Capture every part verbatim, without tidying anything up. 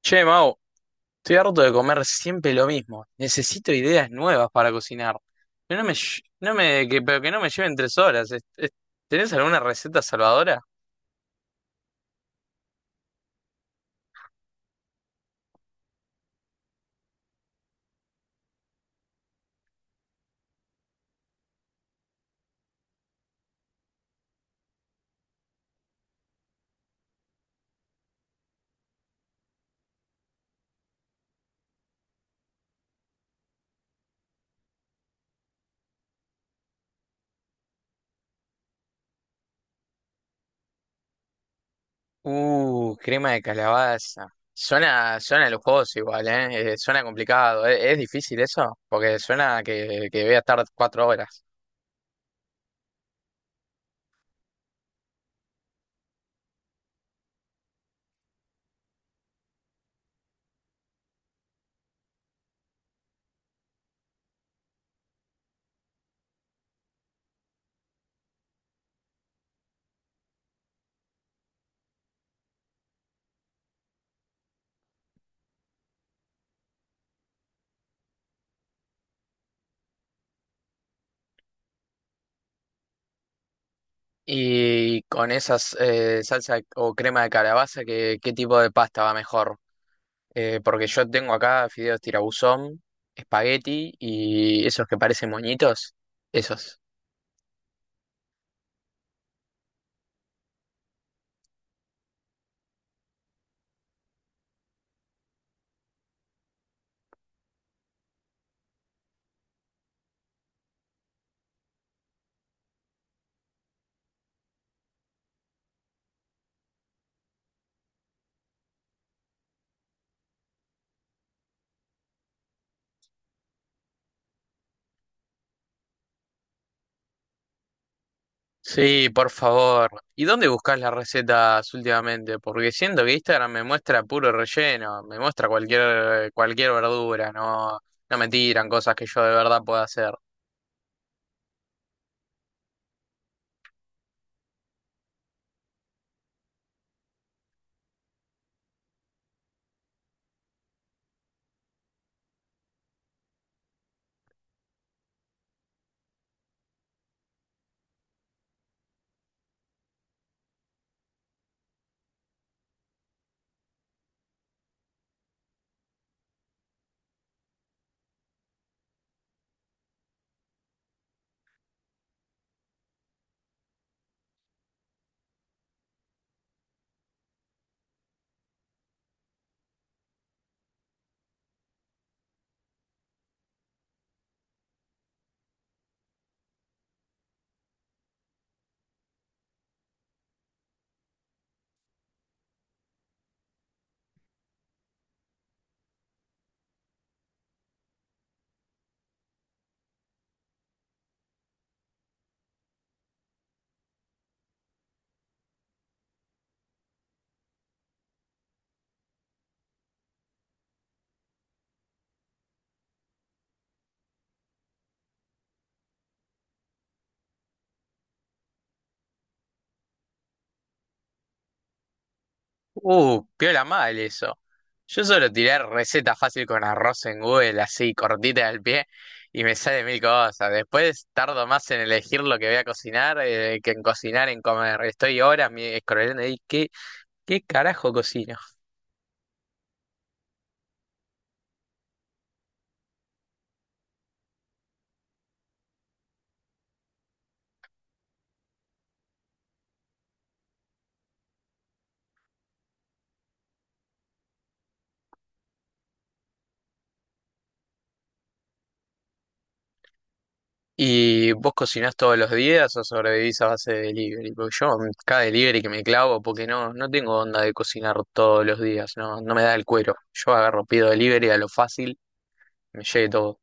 Che, Mau, estoy harto de comer siempre lo mismo. Necesito ideas nuevas para cocinar. Que no me, lle- no me, que, pero que no me lleven tres horas. Es- es- ¿Tenés alguna receta salvadora? Uh, crema de calabaza. Suena, suena lujoso igual, ¿eh? Eh, suena complicado. ¿Es, es difícil eso? Porque suena que, que voy a estar cuatro horas. Y con esas eh, salsa o crema de calabaza, ¿qué, qué tipo de pasta va mejor? Eh, porque yo tengo acá fideos tirabuzón, espagueti y esos que parecen moñitos. Esos. Sí, por favor. ¿Y dónde buscas las recetas últimamente? Porque siento que Instagram me muestra puro relleno, me muestra cualquier, cualquier verdura, no, no me tiran cosas que yo de verdad pueda hacer. Uh, piola mal eso. Yo solo tiré receta fácil con arroz en Google, así cortita al pie, y me sale mil cosas. Después tardo más en elegir lo que voy a cocinar eh, que en cocinar, en comer. Estoy horas mi- scrollando y ¿qué, qué carajo cocino? ¿Y vos cocinás todos los días o sobrevivís a base de delivery? Porque yo mm, cada delivery que me clavo, porque no, no tengo onda de cocinar todos los días, no, no me da el cuero. Yo agarro, pido delivery a lo fácil, me llegue todo.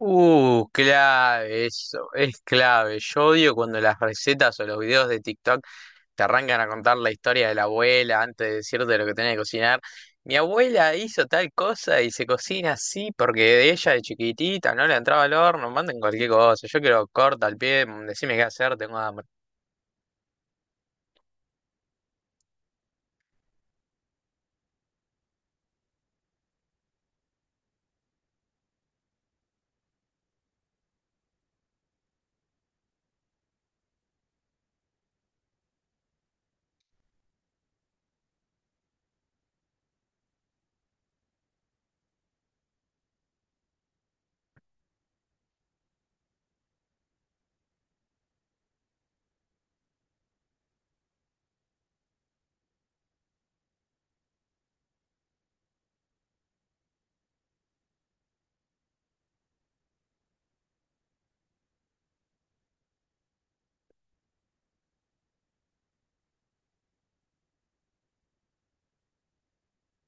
Uh, clave, eso es clave. Yo odio cuando las recetas o los videos de TikTok te arrancan a contar la historia de la abuela antes de decirte lo que tenés que cocinar. Mi abuela hizo tal cosa y se cocina así porque de ella de chiquitita no le entraba al horno, manden cualquier cosa. Yo quiero corta al pie, decime qué hacer, tengo hambre.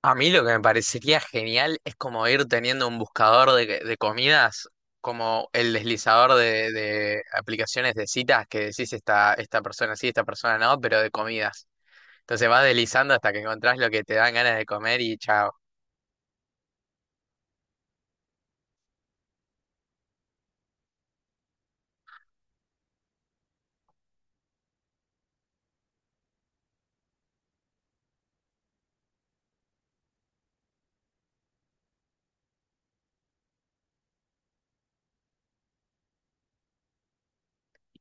A mí lo que me parecería genial es como ir teniendo un buscador de, de comidas, como el deslizador de, de aplicaciones de citas que decís esta, esta persona sí, esta persona no, pero de comidas. Entonces vas deslizando hasta que encontrás lo que te dan ganas de comer y chao.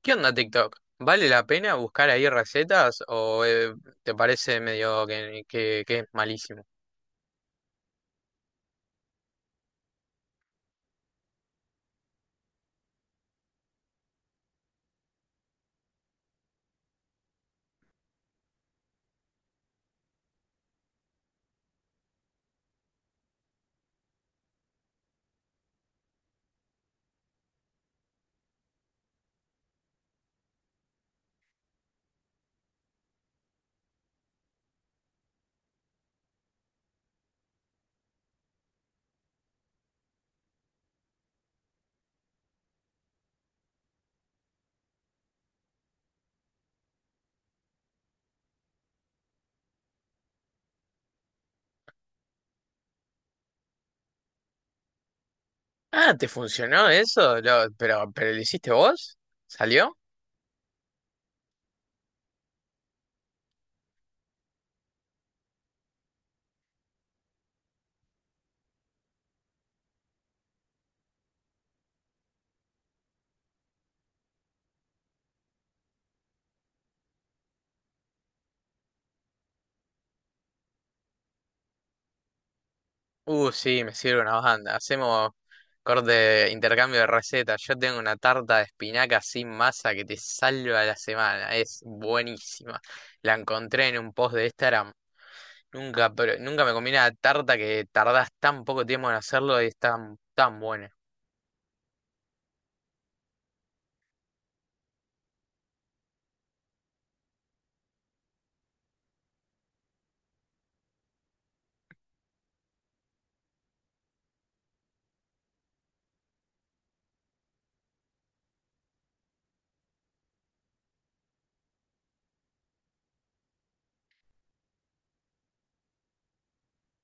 ¿Qué onda TikTok? ¿Vale la pena buscar ahí recetas o eh, te parece medio que, que, que es malísimo? Ah, ¿te funcionó eso? Lo- pero, ¿pero lo hiciste vos? ¿Salió? Uh, sí, me sirve una banda. Hacemos corte, intercambio de recetas. Yo tengo una tarta de espinaca sin masa que te salva la semana. Es buenísima. La encontré en un post de Instagram. Nunca, pero nunca me comí una tarta que tardás tan poco tiempo en hacerlo y es tan, tan buena.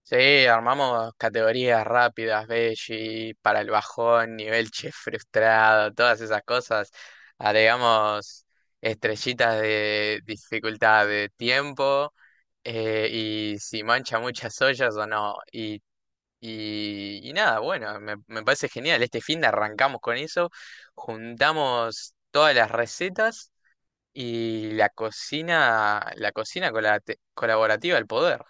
Sí, armamos categorías rápidas, veggie, para el bajón, nivel chef frustrado, todas esas cosas. Agregamos estrellitas de dificultad de tiempo eh, y si mancha muchas ollas o no. Y, y, y nada, bueno, me, me parece genial. Este fin de arrancamos con eso, juntamos todas las recetas y la cocina, la cocina con colaborativa al poder.